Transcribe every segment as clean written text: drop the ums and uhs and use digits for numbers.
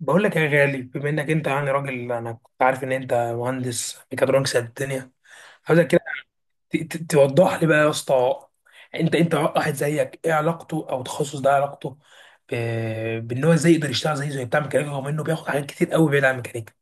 بقول لك يا غالي، بما انك انت يعني راجل، انا كنت عارف ان انت مهندس ميكاترونكس قد الدنيا. عاوزك كده توضح لي بقى يا اسطى. انت واحد زيك، ايه علاقته؟ او تخصص ده علاقته بان هو ازاي يقدر يشتغل زي بتاع ميكانيكا، رغم انه بياخد حاجات كتير قوي بعيد عن الميكانيكا.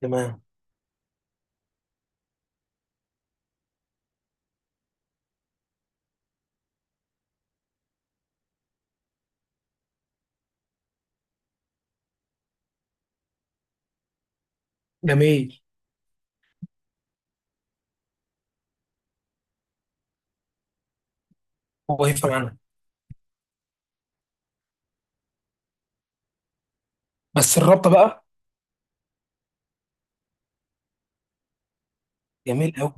تمام. جميل. هو يفهم عنها. بس الرابطه بقى؟ جميل قوي،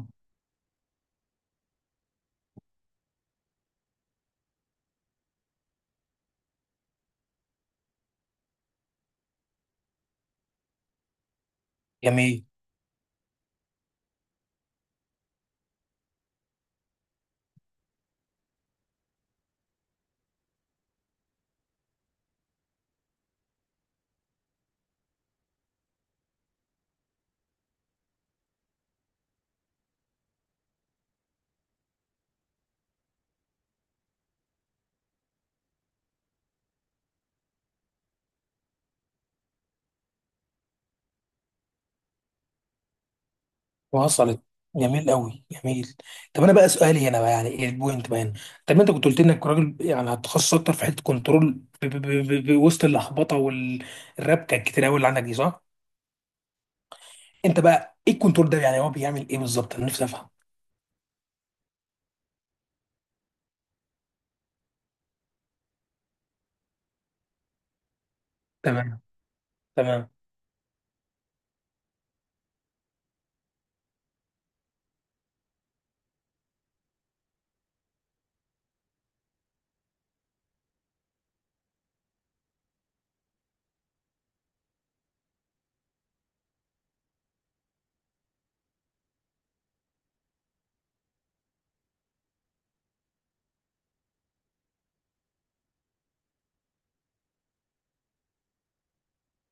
جميل. وصلت. جميل قوي، جميل. طب انا بقى، سؤالي هنا بقى، يعني ايه البوينت بقى هنا؟ طب ما انت كنت قلت انك راجل يعني هتخصص اكتر في حته كنترول ب- ب- وسط اللخبطه والربكه الكتير قوي اللي عندك دي، صح؟ انت بقى ايه الكنترول ده؟ يعني هو بيعمل ايه بالظبط؟ انا نفسي افهم. تمام، تمام.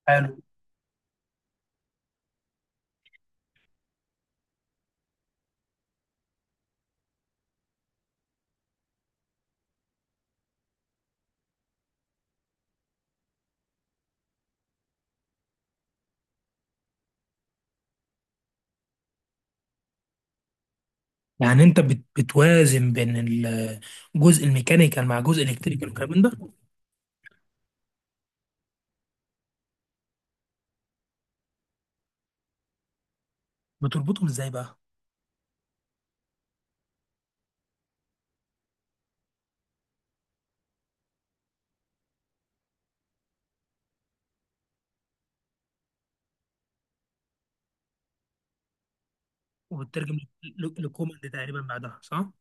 حلو. يعني انت بتوازن بين الجزء الميكانيكال مع جزء الكتريكال والكلام من ده. بتربطهم ازاي بقى؟ وبتترجم لكوماند تقريبا بعدها، صح؟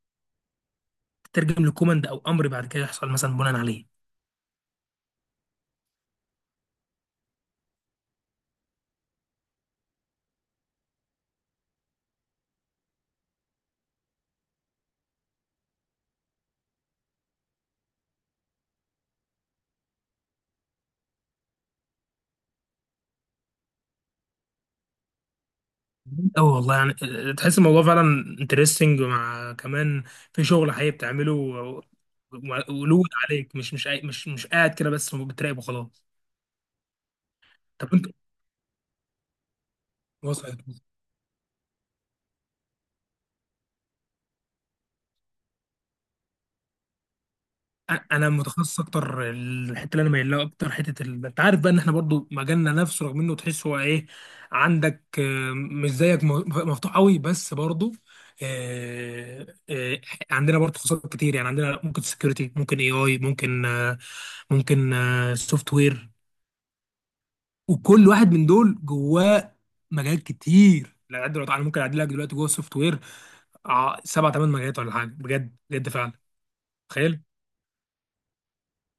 تترجم لكوماند او امر بعد كده يحصل مثلا بناء عليه. أوي والله، يعني تحس الموضوع فعلا انترستنج، مع كمان في شغل حقيقي بتعمله ولود عليك، مش قاعد كده بس بتراقب وخلاص. طب انت؟ وصلت. انا متخصص اكتر. الحته اللي انا مايل لها اكتر، حته انت عارف بقى ان احنا برضو مجالنا نفسه، رغم انه تحس هو ايه؟ عندك مش زيك، مفتوح قوي بس برضو. آه، آه، عندنا برضو تخصصات كتير، يعني عندنا ممكن سكيورتي، ممكن AI، ممكن ممكن سوفت وير. وكل واحد من دول جواه مجالات كتير. لا، دلوقتي انا ممكن اعدي لك دلوقتي جوه السوفت وير سبع ثمان مجالات ولا حاجه، بجد بجد فعلا. تخيل.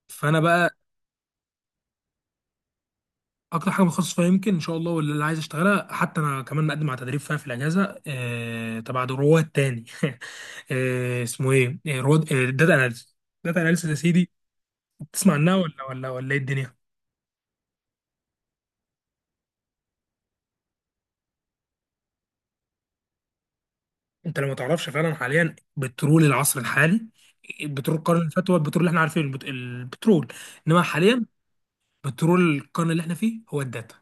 فانا بقى اكتر حاجه متخصص فيها، يمكن ان شاء الله، واللي عايز اشتغلها، حتى انا كمان مقدم على تدريب فيها في الاجازه تبع رواد تاني اسمه ايه؟ رواد داتا اناليسيس. داتا اناليسيس يا سيدي. تسمع عنها، ولا ولا ولا، ايه الدنيا؟ انت لو ما تعرفش، فعلا حاليا بترول العصر الحالي. بترول القرن اللي فات هو البترول اللي احنا عارفينه، البترول، انما حاليا بترول القرن اللي احنا فيه هو الداتا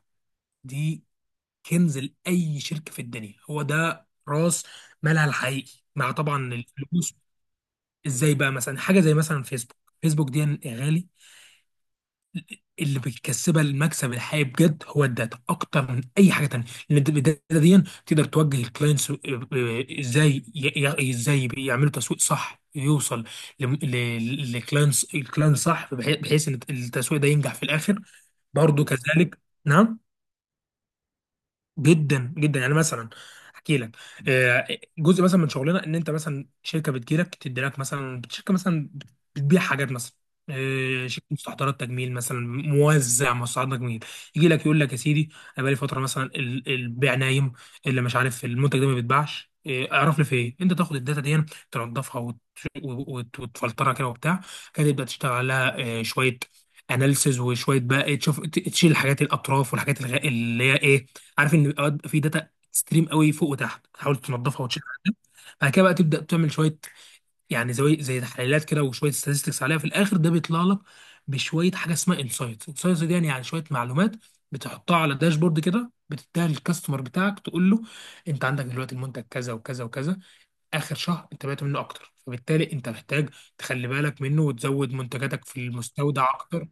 دي. كنز لاي شركه في الدنيا، هو ده راس مالها الحقيقي، مع طبعا الفلوس. ازاي بقى؟ مثلا حاجه زي مثلا فيسبوك. فيسبوك دي يا غالي، اللي بيكسبها المكسب الحقيقي بجد هو الداتا، اكتر من اي حاجه تانية. لان الداتا دي تقدر توجه الكلاينتس. ازاي ي- ازاي يعملوا تسويق صح يوصل للكلاينتس، الكلاينت صح، بحيث ان التسويق ده ينجح في الاخر. برضه كذلك. نعم. جدا جدا، يعني مثلا احكي لك. آه، جزء مثلا من شغلنا ان انت مثلا شركه بتجيلك، تدي لك مثلا شركه مثلا بتبيع حاجات مثلا، شركه مستحضرات تجميل مثلا، موزع مستحضرات تجميل. يجي لك يقول لك يا سيدي، انا بقالي فتره مثلا البيع نايم، اللي مش عارف المنتج ده ما بيتباعش، اعرف لي في ايه. انت تاخد الداتا دي تنضفها وتفلترها كده وبتاع كده، تبدا تشتغل عليها شويه اناليسز، وشويه بقى إيه، تشوف تشيل الحاجات الاطراف والحاجات اللي هي ايه. عارف ان اوقات في داتا اكستريم قوي فوق وتحت، تحاول تنظفها وتشيل عليها. بعد كده بقى تبدا تعمل شويه، يعني زي تحليلات كده، وشويه statistics عليها. في الاخر ده بيطلع لك بشويه حاجه اسمها انسايتس. انسايتس دي يعني شويه معلومات، بتحطها على داشبورد كده، بتديها للكاستمر بتاعك تقول له: انت عندك دلوقتي المنتج كذا وكذا وكذا، اخر شهر انت بعت منه اكتر، فبالتالي انت محتاج تخلي بالك منه وتزود منتجاتك في المستودع اكتر.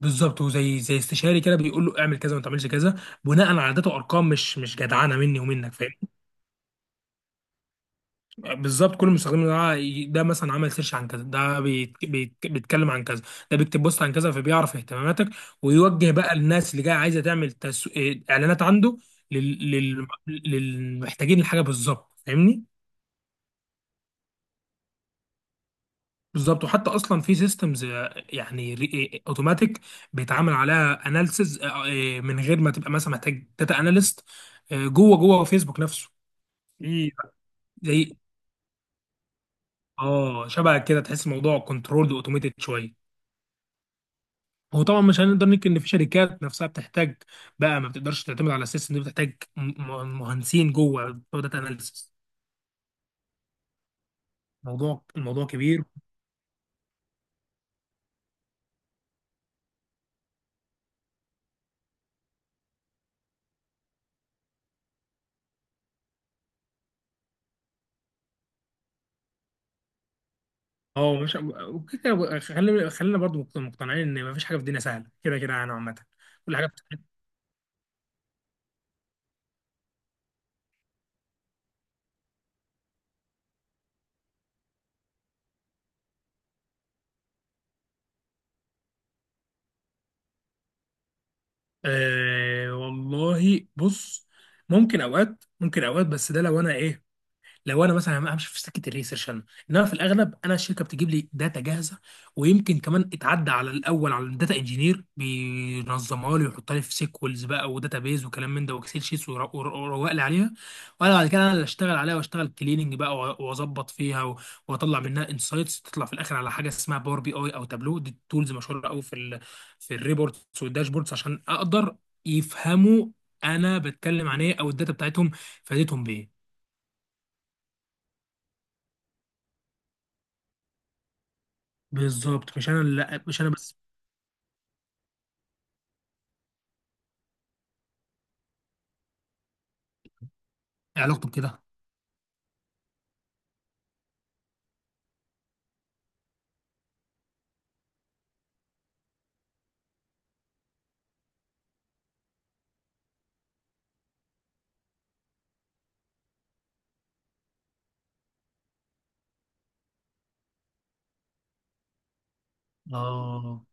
بالظبط، وزي استشاري كده، بيقول له اعمل كذا وما تعملش كذا، بناء على عادات وارقام، مش جدعنه مني ومنك، فاهم؟ بالظبط. كل مستخدم ده، ده مثلا عمل سيرش عن كذا، ده بيتكلم عن كذا، ده بيكتب بوست عن كذا، فبيعرف اهتماماتك، ويوجه بقى الناس اللي جايه عايزه تعمل اعلانات عنده لل... لل... للمحتاجين الحاجه بالظبط، فاهمني؟ بالظبط. وحتى اصلا في سيستمز يعني اوتوماتيك، بيتعامل عليها اناليسز من غير ما تبقى مثلا محتاج داتا اناليست جوه جوه فيسبوك نفسه. في زي، اه شبه كده، تحس الموضوع كنترولد اوتوميتد شويه. هو طبعا مش هنقدر ننكر ان في شركات نفسها بتحتاج بقى، ما بتقدرش تعتمد على السيستم دي، بتحتاج مهندسين جوه بتوع داتا اناليسز. الموضوع كبير. اه، مش. وكده خلينا خلينا برضو مقتنعين ان مفيش حاجه في الدنيا سهله كده كده، يعني عامه. كل حاجه. آه والله، بص، ممكن اوقات، ممكن اوقات، بس ده لو انا ايه، لو انا مثلا همشي في سكه الريسيرش انا، انما في الاغلب انا الشركه بتجيب لي داتا جاهزه، ويمكن كمان اتعدى على الاول على الداتا انجينير، بينظمها لي ويحطها لي في سيكولز بقى وداتا بيز وكلام من ده، واكسل شيتس، ويروق لي عليها. وانا بعد كده انا اللي اشتغل عليها، واشتغل كليننج بقى واظبط فيها واطلع منها انسايتس، تطلع في الاخر على حاجه اسمها Power BI او تابلو، دي تولز مشهوره قوي في في الريبورتس والداشبوردز، عشان اقدر يفهموا انا بتكلم عن ايه، او الداتا بتاعتهم فادتهم بايه. بالظبط. مش انا اللي، مش انا بس علاقته بكده. اه،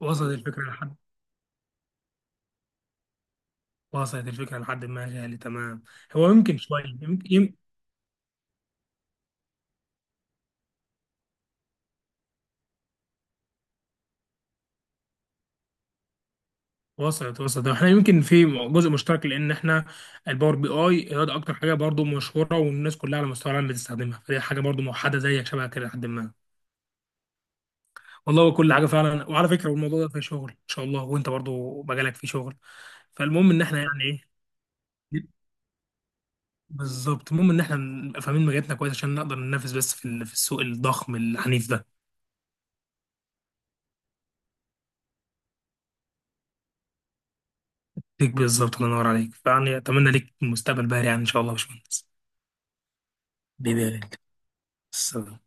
وصلت الفكره لحد، وصلت الفكره لحد ما، غالي، تمام. هو يمكن شويه، يمكن وصلت، وصلت. احنا يمكن في جزء مشترك، لان احنا الPower BI، هي ده اكتر حاجه برضو مشهوره والناس كلها على مستوى العالم بتستخدمها، فدي حاجه برضو موحده زيك شبه كده، لحد ما. والله كل حاجه فعلا. وعلى فكره، والموضوع ده في شغل ان شاء الله، وانت برضو مجالك في شغل، فالمهم ان احنا يعني ايه؟ بالظبط. المهم ان احنا نبقى فاهمين مجالاتنا كويس عشان نقدر ننافس بس في في السوق الضخم العنيف ده. ليك بالظبط، الله ينور عليك، فيعني اتمنى ليك مستقبل باهر يعني ان شاء الله، يا باشمهندس. حبيبي يا غالي. السلام.